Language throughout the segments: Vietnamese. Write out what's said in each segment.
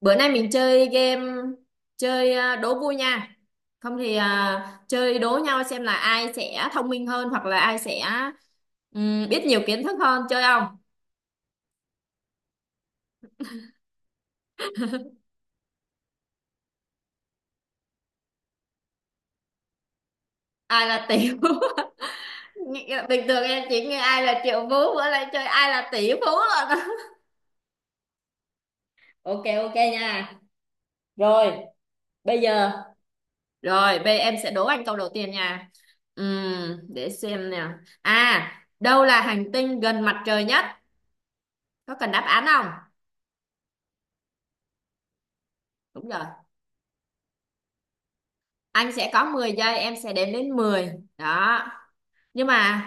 Bữa nay mình chơi game, đố vui nha. Không thì chơi đố nhau xem là ai sẽ thông minh hơn hoặc là ai sẽ biết nhiều kiến thức hơn, chơi không? Ai là tỷ phú? Bình thường em chỉ nghe ai là triệu phú, bữa nay chơi ai là tỷ phú rồi. Ok ok nha. Rồi, bây giờ, rồi bây em sẽ đố anh câu đầu tiên nha. Để xem nè. À, đâu là hành tinh gần mặt trời nhất? Có cần đáp án không? Đúng rồi. Anh sẽ có 10 giây, em sẽ đếm đến 10. Đó. Nhưng mà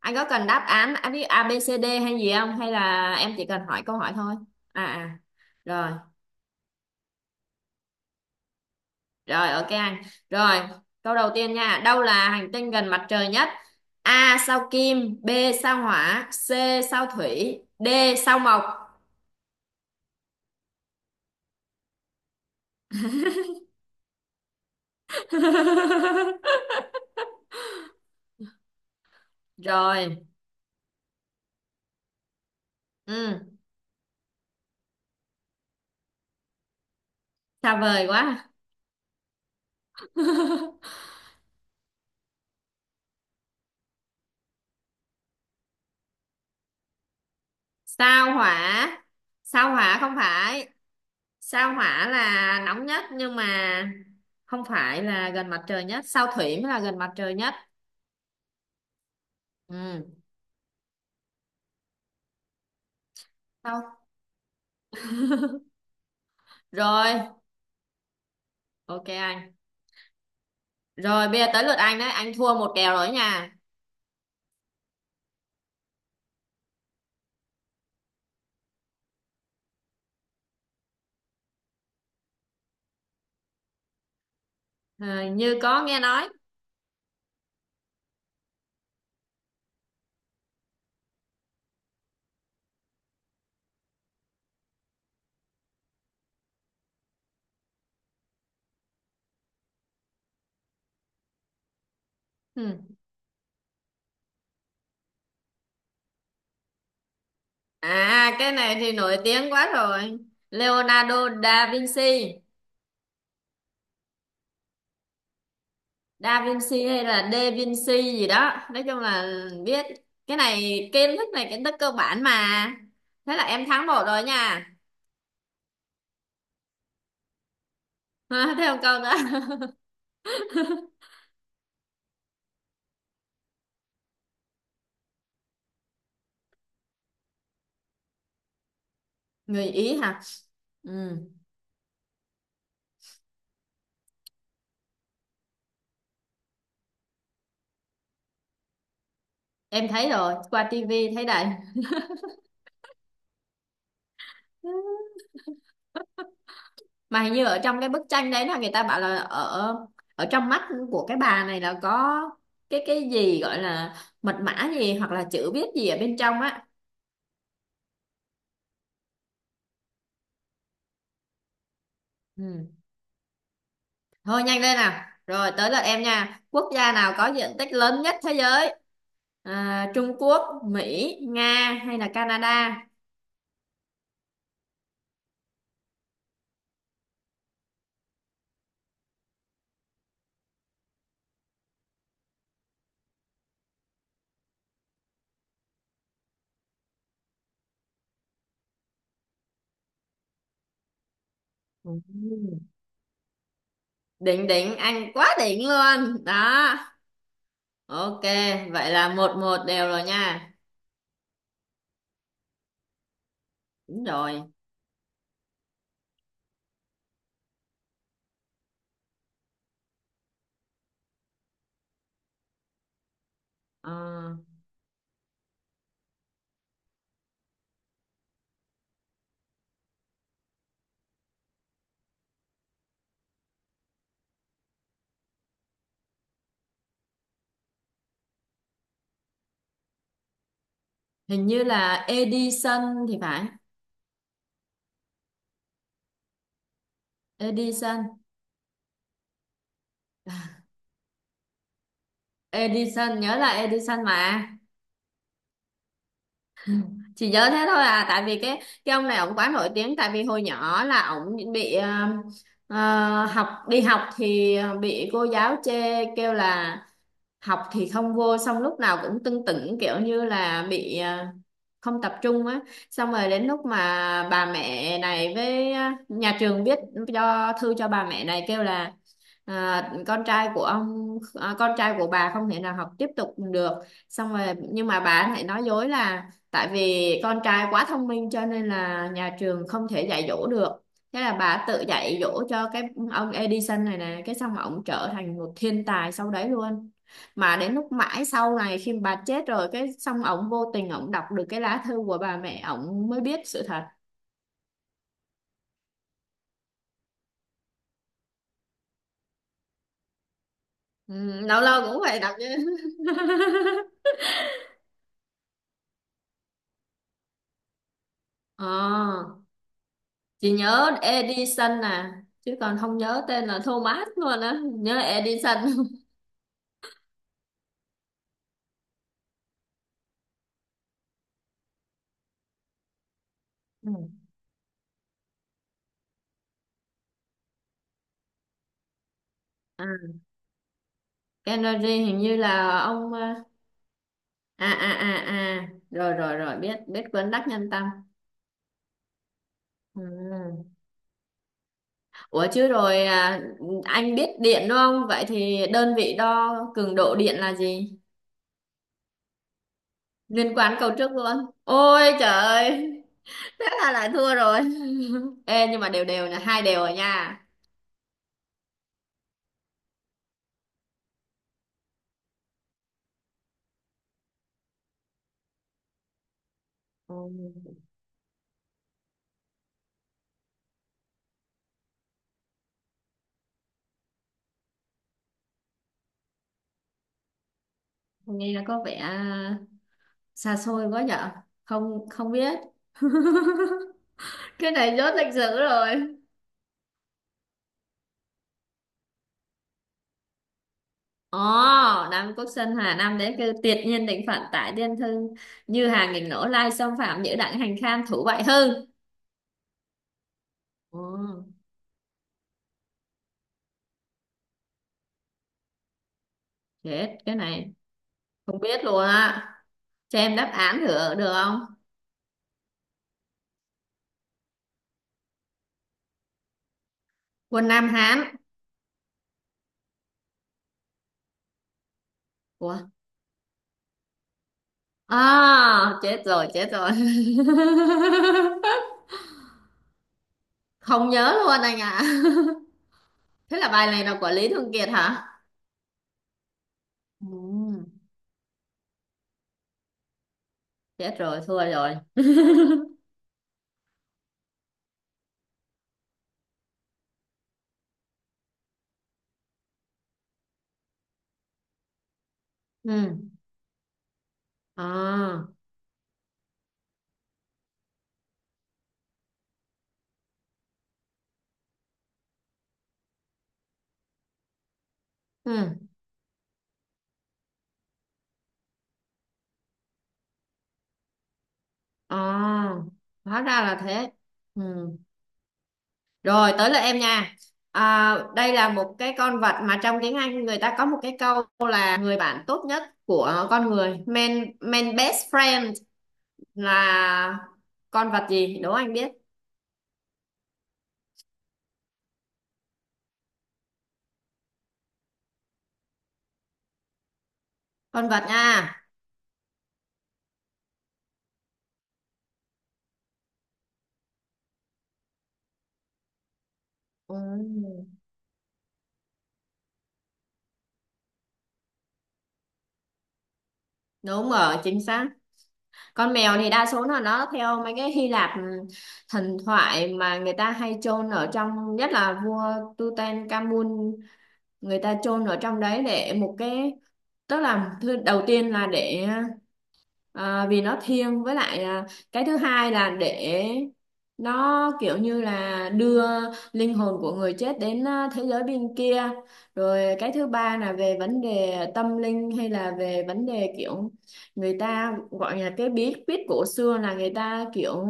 anh có cần đáp án, anh biết A B C D hay gì không, hay là em chỉ cần hỏi câu hỏi thôi? À à. Rồi, rồi ok anh. Rồi, câu đầu tiên nha. Đâu là hành tinh gần mặt trời nhất? A sao Kim, B sao Hỏa, C sao Thủy, D sao Mộc. Rồi. Ừ, xa vời quá. sao Hỏa. Sao Hỏa không phải. Sao Hỏa là nóng nhất, nhưng mà không phải là gần mặt trời nhất. Sao Thủy mới là gần mặt trời nhất. Ừ. Sao? Rồi ok anh. Rồi bây giờ tới lượt anh đấy, anh thua một kèo rồi nha. Ờ, như có nghe nói. Ừ. À, cái này thì nổi tiếng quá rồi. Leonardo da Vinci. Da Vinci hay là Da Vinci gì đó, nói chung là biết. Cái này kiến thức, này kiến thức cơ bản mà. Thế là em thắng một rồi nha. thêm một câu nữa. người Ý hả? Ừ. Em thấy rồi, qua tivi thấy đầy. Mà hình như ở trong cái bức tranh đấy là người ta bảo là ở ở trong mắt của cái bà này là có cái gì gọi là mật mã gì hoặc là chữ viết gì ở bên trong á. Ừ. Thôi nhanh lên nào, rồi tới lượt em nha. Quốc gia nào có diện tích lớn nhất thế giới? À, Trung Quốc, Mỹ, Nga hay là Canada? Ừ. Đỉnh, đỉnh anh quá đỉnh luôn đó. Ok, vậy là 1-1 đều rồi nha. Đúng rồi. Ờ, hình như là Edison thì phải. Edison. Edison, nhớ là Edison mà, chỉ nhớ thế thôi à, tại vì cái ông này ổng quá nổi tiếng. Tại vì hồi nhỏ là ổng bị học đi học thì bị cô giáo chê, kêu là học thì không vô, xong lúc nào cũng tưng tửng, kiểu như là bị không tập trung á. Xong rồi đến lúc mà bà mẹ này với nhà trường biết, cho thư cho bà mẹ này kêu là con trai của ông, con trai của bà không thể nào học tiếp tục được. Xong rồi, nhưng mà bà lại nói dối là tại vì con trai quá thông minh cho nên là nhà trường không thể dạy dỗ được. Thế là bà tự dạy dỗ cho cái ông Edison này nè, cái xong mà ông trở thành một thiên tài sau đấy luôn. Mà đến lúc mãi sau này khi bà chết rồi, cái xong ổng vô tình ổng đọc được cái lá thư của bà mẹ, ổng mới biết sự thật. Ừ, lâu lâu cũng phải đọc chứ. ờ, chị nhớ Edison à, chứ còn không nhớ tên là Thomas luôn á, nhớ Edison. Ừ. À, Kennedy hình như là ông ờ, À à à à, rồi rồi rồi, biết biết cuốn Đắc Nhân Tâm. Ừ. Ủa chứ rồi anh biết điện đúng không? Vậy thì đơn vị đo cường độ điện là gì? Liên quan câu trước luôn, ôi trời ơi. Thế là lại thua rồi. ê nhưng mà đều, đều là hai đều rồi nha. Ừ, nghe nó có vẻ xa xôi quá nhở. Không, không biết. cái này rốt lịch sử rồi. Ồ. Nam Quốc Sơn Hà Nam đế cư, tuyệt nhiên định phận tại Tiên Thư, như hàng nghìn nổ lai xâm phạm, nhữ đặng hành khan thủ bại hư. Ồ, chết cái này, không biết luôn á. Cho em đáp án thử được không? Quân Nam Hán. Ủa? À, chết rồi, chết rồi. Không nhớ luôn anh ạ. Thế là bài này là của Lý Thường Kiệt hả? Ừ, chết rồi, thua rồi. Ừ. À, ừ. À, hóa ra là thế. Ừ. Rồi, tới lượt em nha. À, đây là một cái con vật mà trong tiếng Anh người ta có một cái câu là người bạn tốt nhất của con người. Man best friend là con vật gì? Đố anh biết. Con vật nha. Ừ, đúng rồi, chính xác. Con mèo thì đa số là nó theo mấy cái Hy Lạp, thần thoại mà người ta hay chôn ở trong, nhất là vua Tutankhamun. Người ta chôn ở trong đấy để một cái, tức là thứ đầu tiên là để, vì nó thiêng. Với lại cái thứ hai là để nó kiểu như là đưa linh hồn của người chết đến thế giới bên kia. Rồi cái thứ ba là về vấn đề tâm linh hay là về vấn đề kiểu người ta gọi là cái bí quyết cổ xưa, là người ta kiểu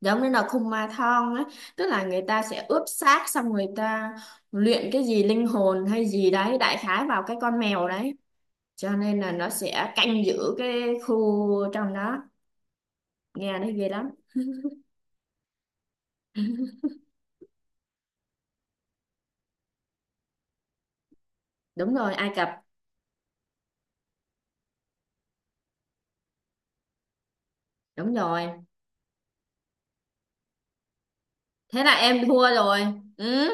giống như là khung ma thon ấy, tức là người ta sẽ ướp xác xong người ta luyện cái gì linh hồn hay gì đấy đại khái vào cái con mèo đấy, cho nên là nó sẽ canh giữ cái khu trong đó. Nghe nó ghê lắm. Đúng rồi, Ai Cập. Đúng rồi, thế là em thua rồi. Ừ,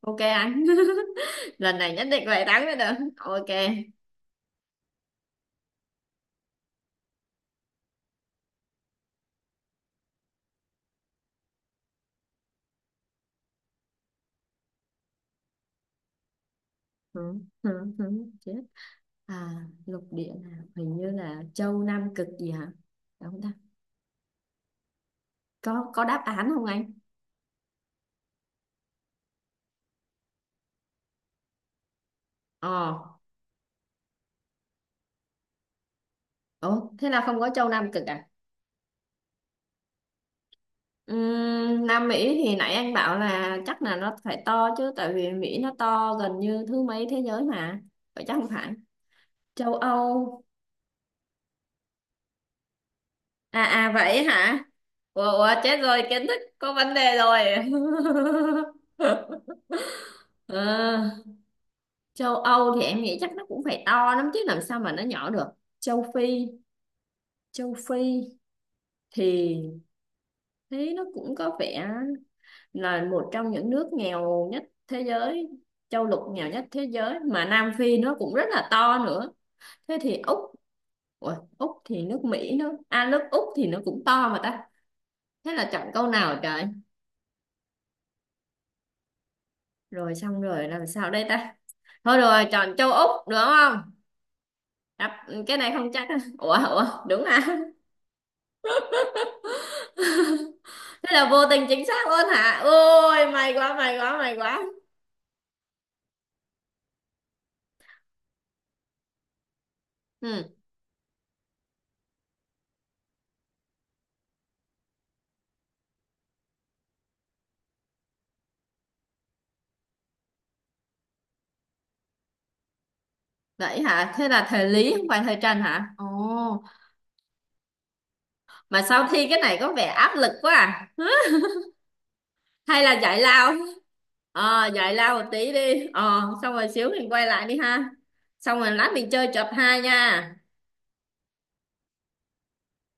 ok anh. lần này nhất định phải thắng mới được, ok. Ừ, ừ, ừ, chết. À, lục địa nào, hình như là châu Nam Cực gì hả, đúng không ta? Có đáp án không anh? Ờ. Ủa thế là không có châu Nam Cực à? Nam Mỹ thì nãy anh bảo là chắc là nó phải to chứ, tại vì Mỹ nó to gần như thứ mấy thế giới mà, vậy chắc không phải. Châu Âu. À à, vậy hả? Ủa, ủa chết rồi, kiến thức có vấn đề rồi. Ờ, châu Âu thì em nghĩ chắc nó cũng phải to lắm chứ, làm sao mà nó nhỏ được. Châu Phi. Châu Phi thì thấy nó cũng có vẻ là một trong những nước nghèo nhất thế giới, châu lục nghèo nhất thế giới, mà Nam Phi nó cũng rất là to nữa. Thế thì Úc. Ủa, Úc thì nước Mỹ nó, à, nước Úc thì nó cũng to mà ta. Thế là chọn câu nào trời. Rồi xong rồi làm sao đây ta. Thôi rồi chọn châu Úc đúng không. Ừ, cái này không chắc. Ủa ủa, đúng à? thế là vô tình chính xác luôn hả? Ôi, may quá may quá may quá. Ừ. Vậy hả? Thế là thời lý không phải thời trần hả? Ồ. Mà sao thi cái này có vẻ áp lực quá à. hay là giải lao. Ờ, giải lao một tí đi. Ờ, xong rồi xíu mình quay lại đi ha. Xong rồi lát mình chơi chập hai nha.